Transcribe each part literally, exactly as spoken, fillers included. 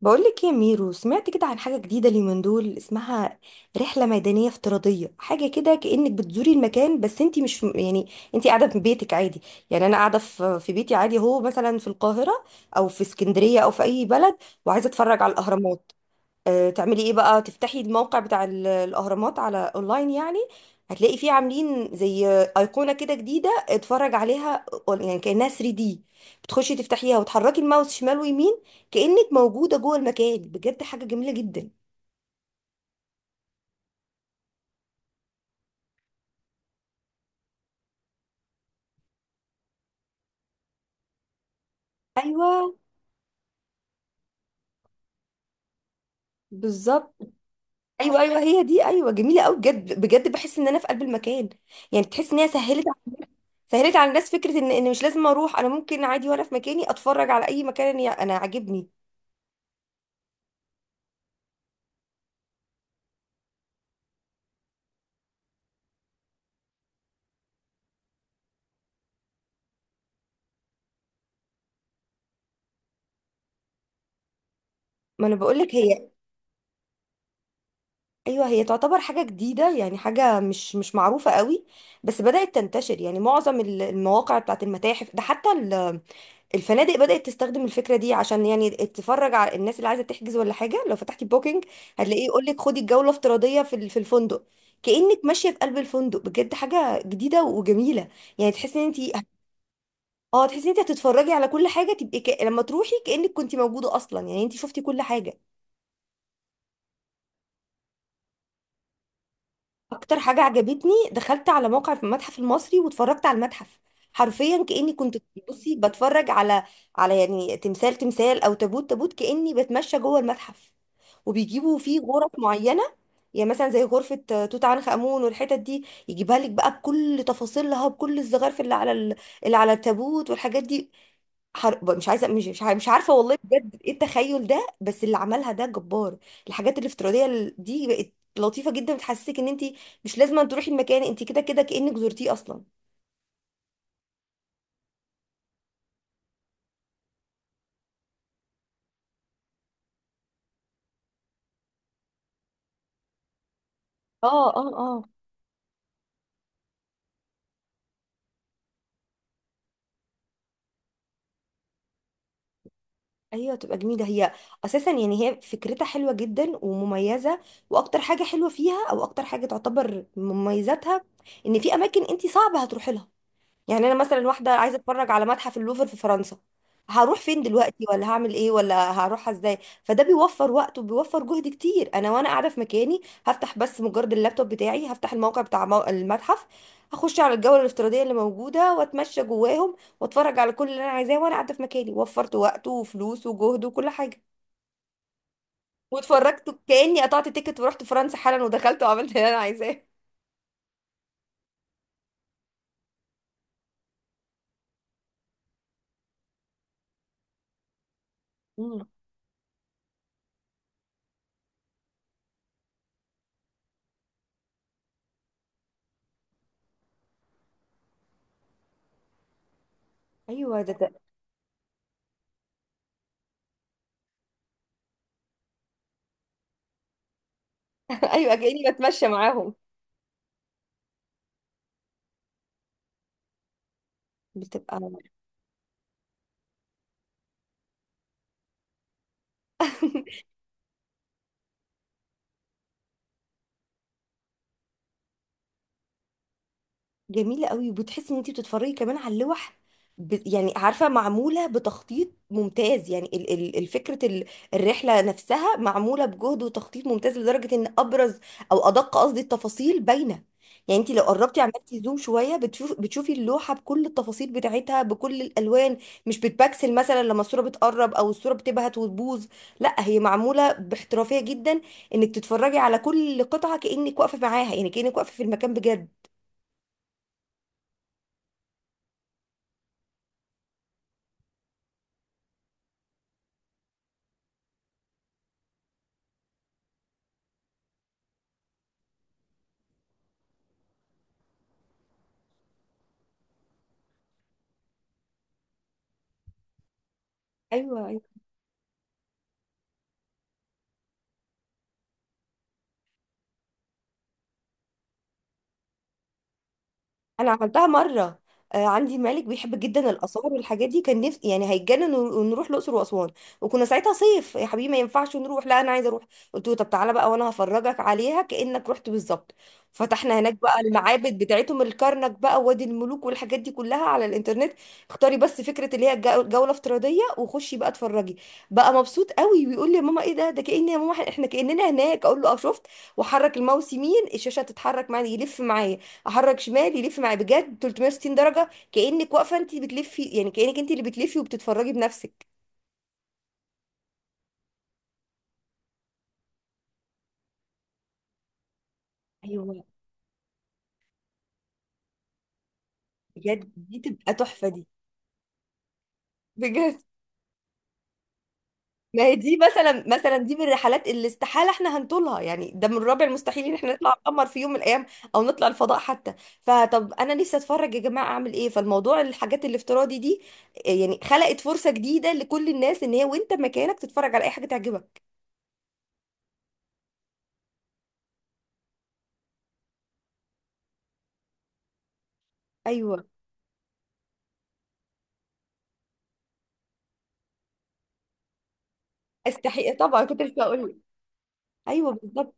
بقولك يا ميرو، سمعت كده عن حاجة جديدة اليومين دول اسمها رحلة ميدانية افتراضية؟ حاجة كده كأنك بتزوري المكان بس انتي مش في- يعني انتي قاعدة في بيتك عادي. يعني انا قاعدة في في بيتي عادي، هو مثلا في القاهرة او في اسكندرية او في اي بلد وعايزة اتفرج على الاهرامات. آه، تعملي ايه بقى؟ تفتحي الموقع بتاع ال- الاهرامات على اونلاين يعني، هتلاقي فيه عاملين زي ايقونه كده جديده اتفرج عليها، أون- يعني كانها ثري دي، بتخشي تفتحيها وتحركي الماوس شمال ويمين، كانك موجوده جوه المكان بجد. حاجه جميله جدا. ايوه، بالظبط. ايوه ايوه هي دي، ايوه جميله قوي بجد بجد، بحس ان انا في قلب المكان. يعني تحس ان هي سهلت، سهلت على الناس فكره ان ان مش لازم اروح، انا ممكن عادي وانا في مكاني اتفرج على اي مكان انا أنا عاجبني. ما انا بقول لك هي. ايوه هي تعتبر حاجه جديده، يعني حاجه مش مش معروفه قوي، بس بدات تنتشر. يعني معظم ال- المواقع بتاعت المتاحف ده، حتى ال- الفنادق بدات تستخدم الفكره دي عشان يعني تفرج على الناس اللي عايزه تحجز ولا حاجه. لو فتحتي بوكينج هتلاقيه يقول لك خدي الجوله افتراضيه في ال- في الفندق، كانك ماشيه في قلب الفندق بجد. حاجه جديده وجميله. يعني تحسي ان انت، اه تحسي ان انت هتتفرجي على كل حاجه تبقي ك... لما تروحي كانك كنت موجوده اصلا، يعني انت شفتي كل حاجه. اكتر حاجه عجبتني، دخلت على موقع في المتحف المصري واتفرجت على المتحف حرفيا كاني كنت بصي بتفرج على، على يعني تمثال تمثال او تابوت تابوت، كاني بتمشى جوه المتحف. وبيجيبوا فيه غرف معينه، يعني مثلا زي غرفه آه، توت عنخ امون، والحتت دي يجيبها لك بقى بكل تفاصيلها، بكل الزخارف اللي على ال- اللي على التابوت والحاجات دي. حر... مش عايزه، مش مش عارفة- مش عارفه والله بجد ايه التخيل ده، بس اللي عملها ده جبار. الحاجات الافتراضيه ال- دي بقت لطيفه جدا، بتحسسك ان انت مش لازم أن تروحي المكان، انت كده كده كأنك زرتيه اصلا. اه اه اه. ايوه تبقى جميله هي اساسا. يعني هي فكرتها حلوه جدا ومميزه، واكتر حاجه حلوه فيها، او اكتر حاجه تعتبر من مميزاتها ان في اماكن انت صعب هتروحي لها. يعني انا مثلا واحده عايزه اتفرج على متحف اللوفر في فرنسا، هروح فين دلوقتي؟ ولا هعمل ايه؟ ولا هروح ازاي؟ فده بيوفر وقت وبيوفر جهد كتير. انا وانا قاعده في مكاني هفتح بس مجرد اللابتوب بتاعي، هفتح الموقع بتاع مو- المتحف، هخش على الجوله الافتراضيه اللي موجوده واتمشى جواهم واتفرج على كل اللي انا عايزاه وانا قاعده في مكاني. وفرت وقت وفلوس وجهد وكل حاجه. واتفرجت كاني قطعت تيكت ورحت فرنسا حالا ودخلت وعملت اللي انا عايزاه. مم. ايوه ده, ده. ايوه كاني بتمشى معاهم. بتبقى. جميلة قوي، وبتحسي ان انتي بتتفرجي كمان على اللوح. ب... يعني عارفة معمولة بتخطيط ممتاز، يعني ال... ال... الفكرة ال... الرحلة نفسها معمولة بجهد وتخطيط ممتاز، لدرجة ان ابرز، او ادق قصدي، التفاصيل باينة. يعني انتي لو قربتي عملتي زوم شوية بتشوف... بتشوفي اللوحة بكل التفاصيل بتاعتها بكل الالوان، مش بتبكسل مثلا لما الصورة بتقرب، او الصورة بتبهت وتبوظ. لا، هي معمولة باحترافية جدا انك تتفرجي على كل قطعة كأنك واقفة معاها، يعني كأنك واقفة في المكان بجد. ايوه، انا عملتها مره. آه، عندي مالك بيحب جدا الاثار والحاجات دي، كان نفسي يعني هيتجنن ون- ونروح الاقصر واسوان. وكنا ساعتها صيف يا حبيبي، ما ينفعش نروح. لا انا عايزه اروح. قلت له طب تعالى بقى وانا هفرجك عليها كانك رحت بالظبط. فتحنا هناك بقى المعابد بتاعتهم، الكرنك بقى وادي الملوك والحاجات دي كلها على الانترنت. اختاري بس فكره اللي هي الجو- جوله افتراضيه وخشي بقى اتفرجي. بقى مبسوط قوي ويقول لي يا ماما ايه ده؟ ده كأن، يا ماما احنا كأننا هناك! اقول له اه شفت. وحرك الماوس يمين، الشاشه تتحرك معايا يلف معايا، احرك شمال يلف معايا بجد ثلاث مية وستين درجه، كانك واقفه انت بتلفي، يعني كانك انت اللي بتلفي وبتتفرجي بنفسك. ايوه بجد، دي تبقى تحفه دي بجد. ما هي دي مثلا مثلا دي من الرحلات اللي استحاله احنا هنطولها، يعني ده من الرابع المستحيل ان احنا نطلع القمر في يوم من الايام، او نطلع الفضاء حتى. فطب انا نفسي اتفرج يا جماعه، اعمل ايه؟ فالموضوع الحاجات الافتراضي دي يعني خلقت فرصه جديده لكل الناس ان هي وانت مكانك تتفرج على اي حاجه تعجبك. ايوه. استحي طبعا كنت لسه هقول لك. ايوه بالظبط.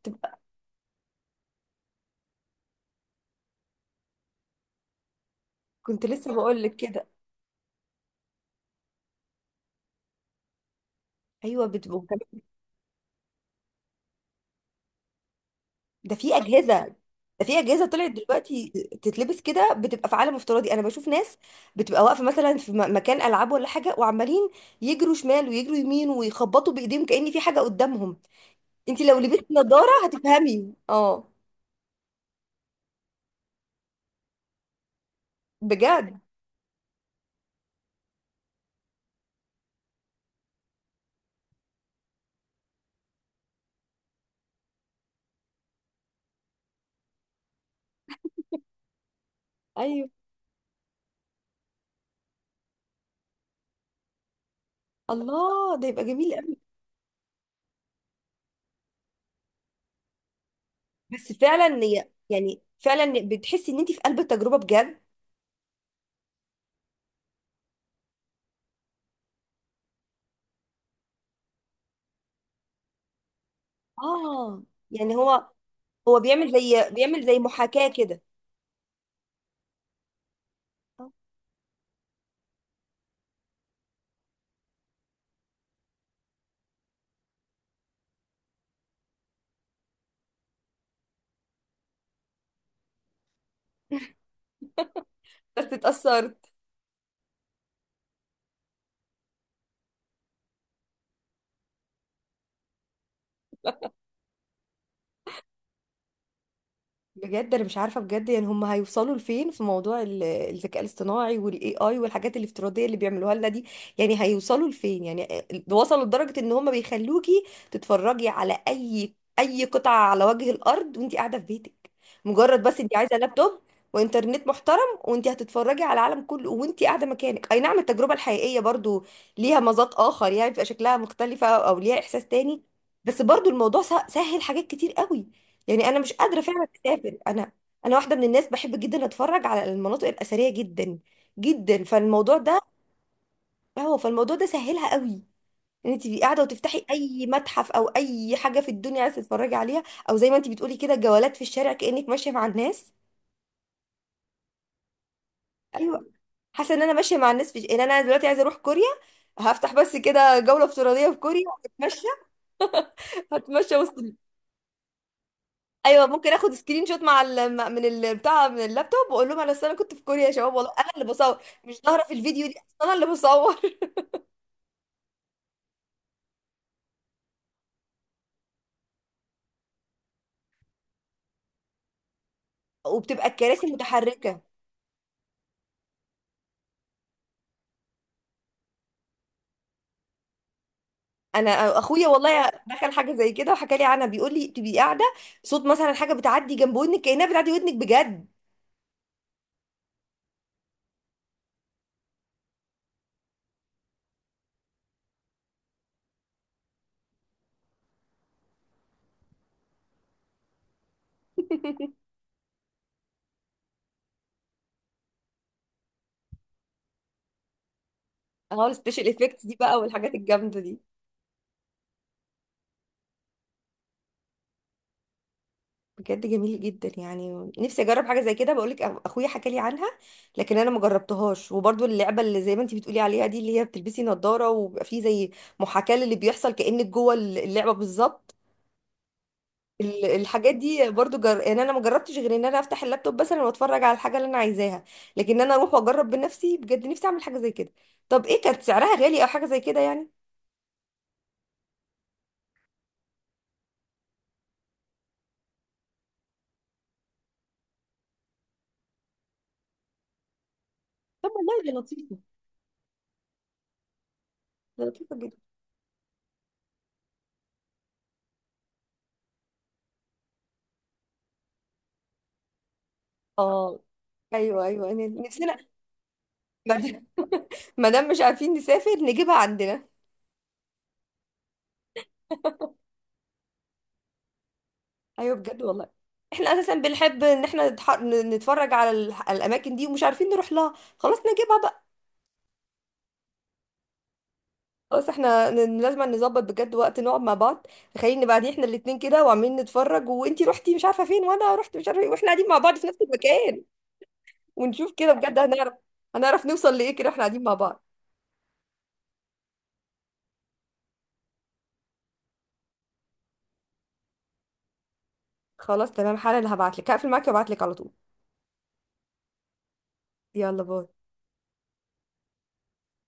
كنت لسه بقول لك كده. ايوه بتبقى. ده في اجهزه، ده في اجهزه طلعت دلوقتي تتلبس كده بتبقى في عالم افتراضي. انا بشوف ناس بتبقى واقفه مثلا في م- مكان العاب ولا حاجه، وعمالين يجروا شمال ويجروا يمين ويخبطوا بايديهم كأن في حاجه قدامهم. انت لو لبستي نظاره هتفهمي اه. بجد؟ ايوه، الله ده يبقى جميل قوي. بس فعلا ي- يعني فعلا بتحسي ان انت في قلب التجربه بجد. اه يعني هو هو بيعمل زي بيعمل زي محاكاه كده. آه. بس اتأثرت. بجد، انا مش عارفه بجد يعني هم هيوصلوا لفين في موضوع ال- الذكاء الاصطناعي والاي اي والحاجات الافتراضيه اللي بيعملوها لنا دي، يعني هيوصلوا لفين يعني؟ آه، وصلوا لدرجه ان هم بيخلوكي تتفرجي على اي اي قطعه على وجه الارض وانت قاعده في بيتك، مجرد بس انت عايزه لابتوب وانترنت محترم، وانت هتتفرجي على العالم كله وانت قاعده مكانك. اي نعم، التجربه الحقيقيه برضو ليها مذاق اخر، يعني بيبقى شكلها مختلفه او ليها احساس تاني، بس برضو الموضوع سه- سهل حاجات كتير قوي. يعني انا مش قادره فعلا اسافر، انا انا واحده من الناس بحب جدا اتفرج على المناطق الاثريه جدا جدا، فالموضوع ده، هو فالموضوع ده سهلها قوي ان انت تبقي قاعده وتفتحي اي متحف او اي حاجه في الدنيا عايزه تتفرجي عليها، او زي ما انت بتقولي كده جولات في الشارع كانك ماشيه مع الناس. ايوه حاسه ان انا ماشيه مع الناس. في ان انا دلوقتي عايزه اروح كوريا، هفتح بس كده جوله افتراضيه في كوريا، هتمشى، هتمشى وسط. ايوه ممكن اخد سكرين شوت مع ال... مع- من ال- بتاع من اللابتوب، واقول لهم انا أصل انا كنت في كوريا يا شباب، والله انا اللي بصور مش ظاهره في الفيديو دي، أصل انا اللي بصور. وبتبقى الكراسي متحركه. انا اخويا والله دخل حاجه زي كده وحكى لي عنها، بيقول لي تبقي قاعده، صوت مثلا حاجه بتعدي جنب ودنك كانها بتعدي ودنك بجد. اهو السبيشال افكتس دي بقى والحاجات الجامده دي. بجد جميل جدا، يعني نفسي اجرب حاجه زي كده. بقولك أخ- اخويا حكى لي عنها، لكن انا ما جربتهاش. وبرضو اللعبه اللي زي ما انت بتقولي عليها دي، اللي هي بتلبسي نظاره وبيبقى فيه زي محاكاه للي بيحصل كانك جوه اللعبه بالظبط. ال- الحاجات دي برضو جر... يعني انا ما جربتش غير ان انا افتح اللابتوب مثلا واتفرج على الحاجه اللي انا عايزاها، لكن انا اروح واجرب بنفسي بجد نفسي اعمل حاجه زي كده. طب ايه كانت سعرها؟ غالي او حاجه زي كده يعني؟ طب والله دي لطيفة، دي لطيفه جدا. اه، ايوه ايوه، يعني نفسنا. ما دام مش عارفين نسافر نجيبها عندنا. ايوه بجد والله. احنا اساسا بنحب ان احنا نتح- ن- نتفرج على ال- الاماكن دي ومش عارفين نروح لها، خلاص نجيبها بقى. خلاص احنا ن- لازم نظبط بجد وقت نقعد مع بعض. تخيلني بعدين احنا الاتنين كده وعمالين نتفرج، وانتي رحتي مش عارفه فين وانا رحت مش عارفه إيه، واحنا قاعدين مع بعض في نفس المكان. ونشوف كده بجد، هنعرف، هنعرف نوصل لايه كده واحنا قاعدين مع بعض. خلاص تمام، حالا هبعت لك، هقفل معاكي وابعت لك على طول. يلا، باي.